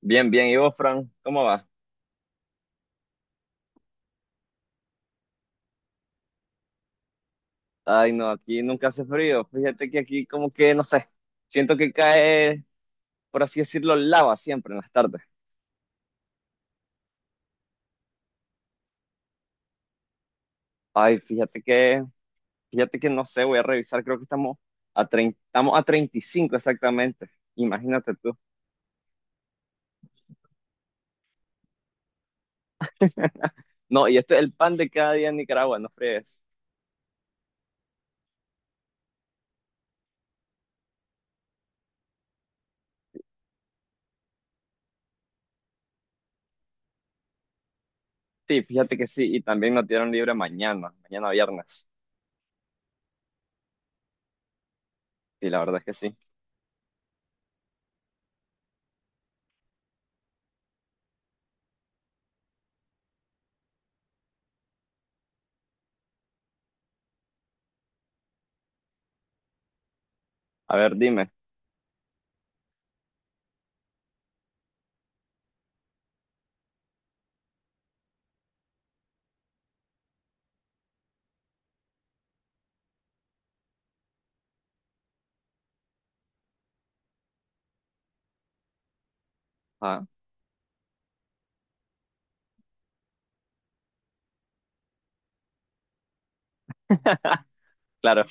Bien, bien. ¿Y vos, Fran? ¿Cómo va? Ay, no, aquí nunca hace frío. Fíjate que aquí como que, no sé, siento que cae, por así decirlo, lava siempre en las tardes. Ay, fíjate que no sé, voy a revisar, creo que estamos a 30, estamos a 35 exactamente. Imagínate tú. No, y esto es el pan de cada día en Nicaragua, no fregues. Sí, fíjate que sí, y también nos dieron libre mañana, mañana viernes. Sí, la verdad es que sí. A ver, dime. Ah, claro.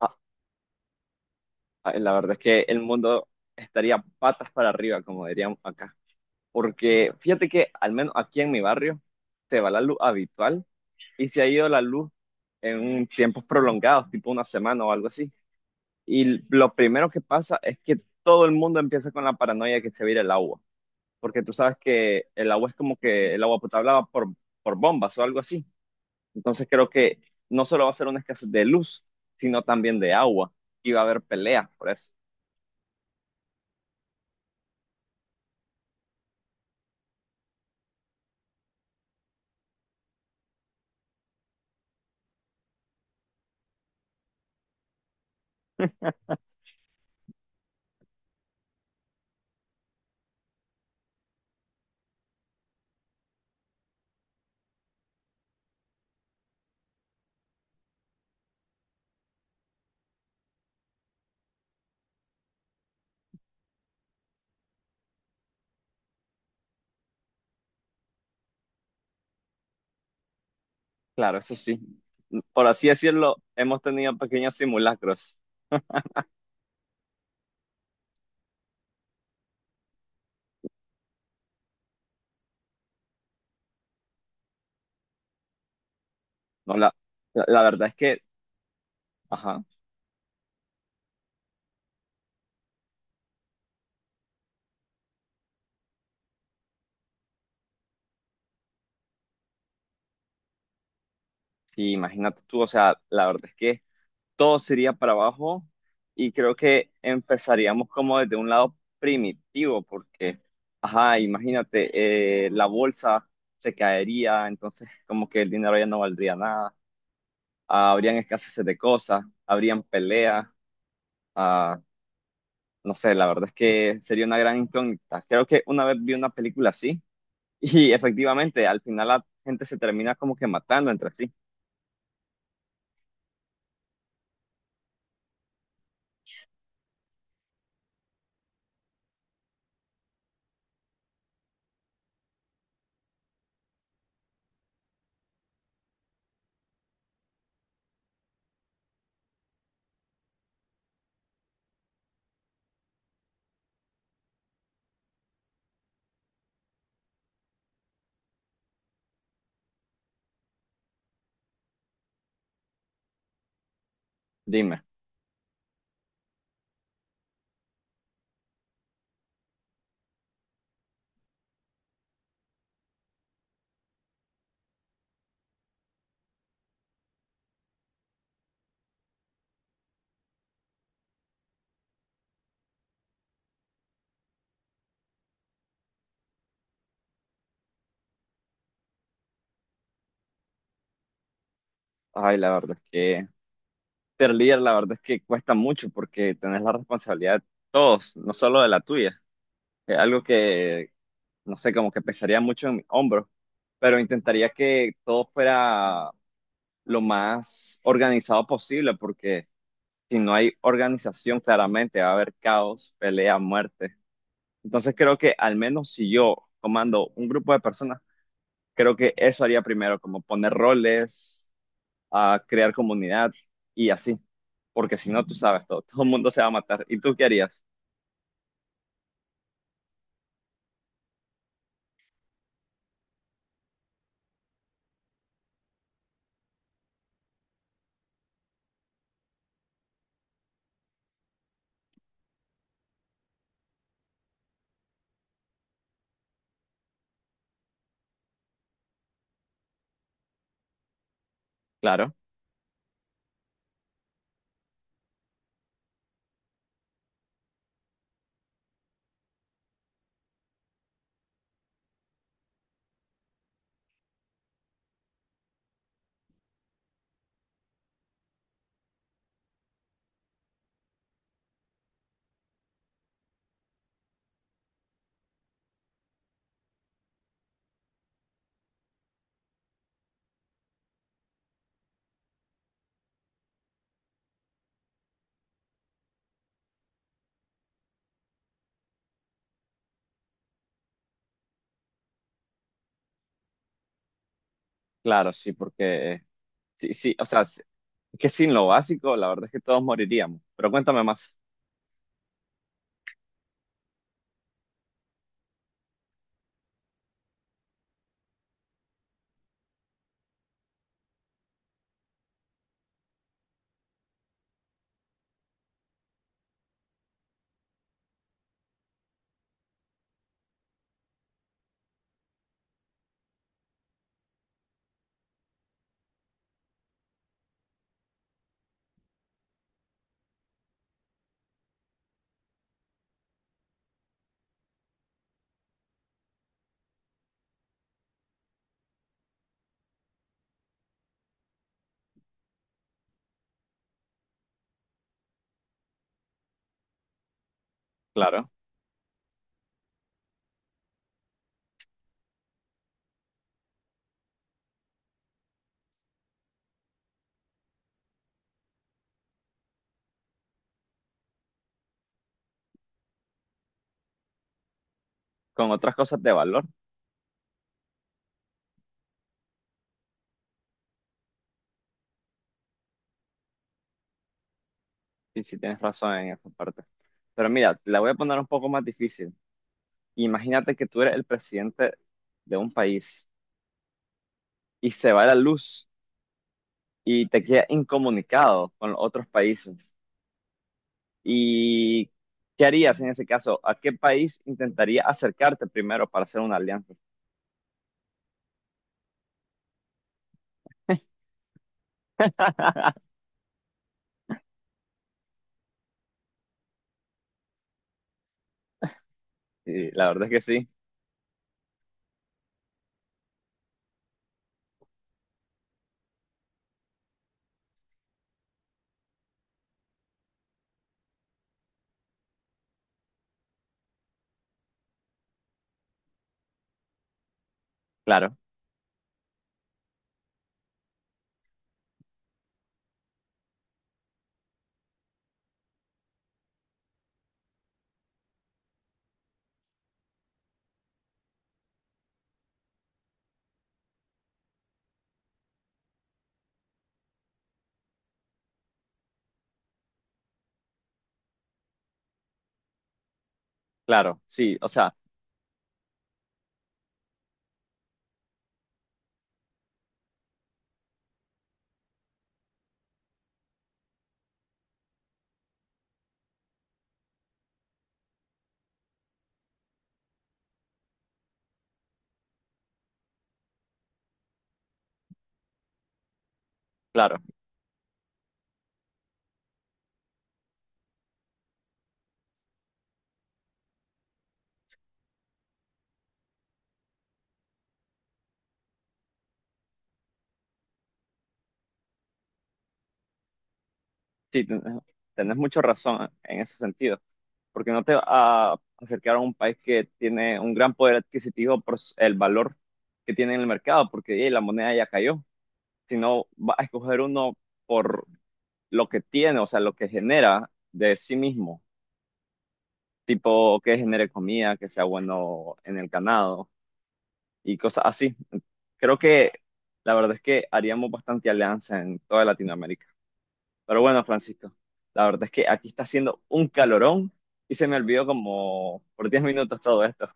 Ah, ay, la verdad es que el mundo estaría patas para arriba, como diríamos acá. Porque fíjate que al menos aquí en mi barrio se va la luz habitual y se ha ido la luz en tiempos prolongados, tipo una semana o algo así. Y lo primero que pasa es que todo el mundo empieza con la paranoia de que se va a ir el agua, porque tú sabes que el agua es como que el agua potable va por bombas o algo así. Entonces creo que no solo va a ser una escasez de luz, sino también de agua y va a haber peleas por eso. Claro, eso sí. Por así decirlo, hemos tenido pequeños simulacros. No, la verdad es que, ajá, sí, imagínate tú, o sea, la verdad es que todo sería para abajo y creo que empezaríamos como desde un lado primitivo, porque, ajá, imagínate, la bolsa se caería, entonces como que el dinero ya no valdría nada, ah, habrían escasez de cosas, habrían peleas, ah, no sé, la verdad es que sería una gran incógnita. Creo que una vez vi una película así y efectivamente al final la gente se termina como que matando entre sí. Dime. Ay, la verdad es que ser líder, la verdad es que cuesta mucho porque tenés la responsabilidad de todos, no solo de la tuya. Es algo que, no sé, como que pesaría mucho en mi hombro, pero intentaría que todo fuera lo más organizado posible porque si no hay organización, claramente va a haber caos, pelea, muerte. Entonces creo que al menos si yo comando un grupo de personas, creo que eso haría primero, como poner roles. A crear comunidad y así, porque si no, tú sabes, todo, todo el mundo se va a matar. ¿Y tú qué harías? Claro, claro, sí, porque sí, sí, o sea, es que sin lo básico, la verdad es que todos moriríamos. Pero cuéntame más, claro, con otras cosas de valor, sí, sí tienes razón en esa parte. Pero mira, la voy a poner un poco más difícil. Imagínate que tú eres el presidente de un país y se va la luz y te quedas incomunicado con los otros países. ¿Y qué harías en ese caso? ¿A qué país intentaría acercarte primero para hacer una alianza? Sí, la verdad es que sí, claro, claro, sí, o sea, claro, sí, tenés mucha razón en ese sentido, porque no te va a acercar a un país que tiene un gran poder adquisitivo por el valor que tiene en el mercado, porque ey, la moneda ya cayó, sino va a escoger uno por lo que tiene, o sea, lo que genera de sí mismo. Tipo que genere comida, que sea bueno en el ganado y cosas así. Creo que la verdad es que haríamos bastante alianza en toda Latinoamérica. Pero bueno, Francisco, la verdad es que aquí está haciendo un calorón y se me olvidó como por 10 minutos todo esto.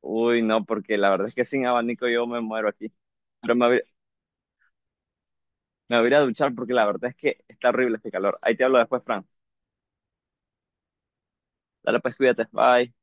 Uy, no, porque la verdad es que sin abanico yo me muero aquí. Pero me, voy- Me voy a ir a duchar porque la verdad es que está horrible este calor. Ahí te hablo después, Fran. Dale pues, cuídate. Bye.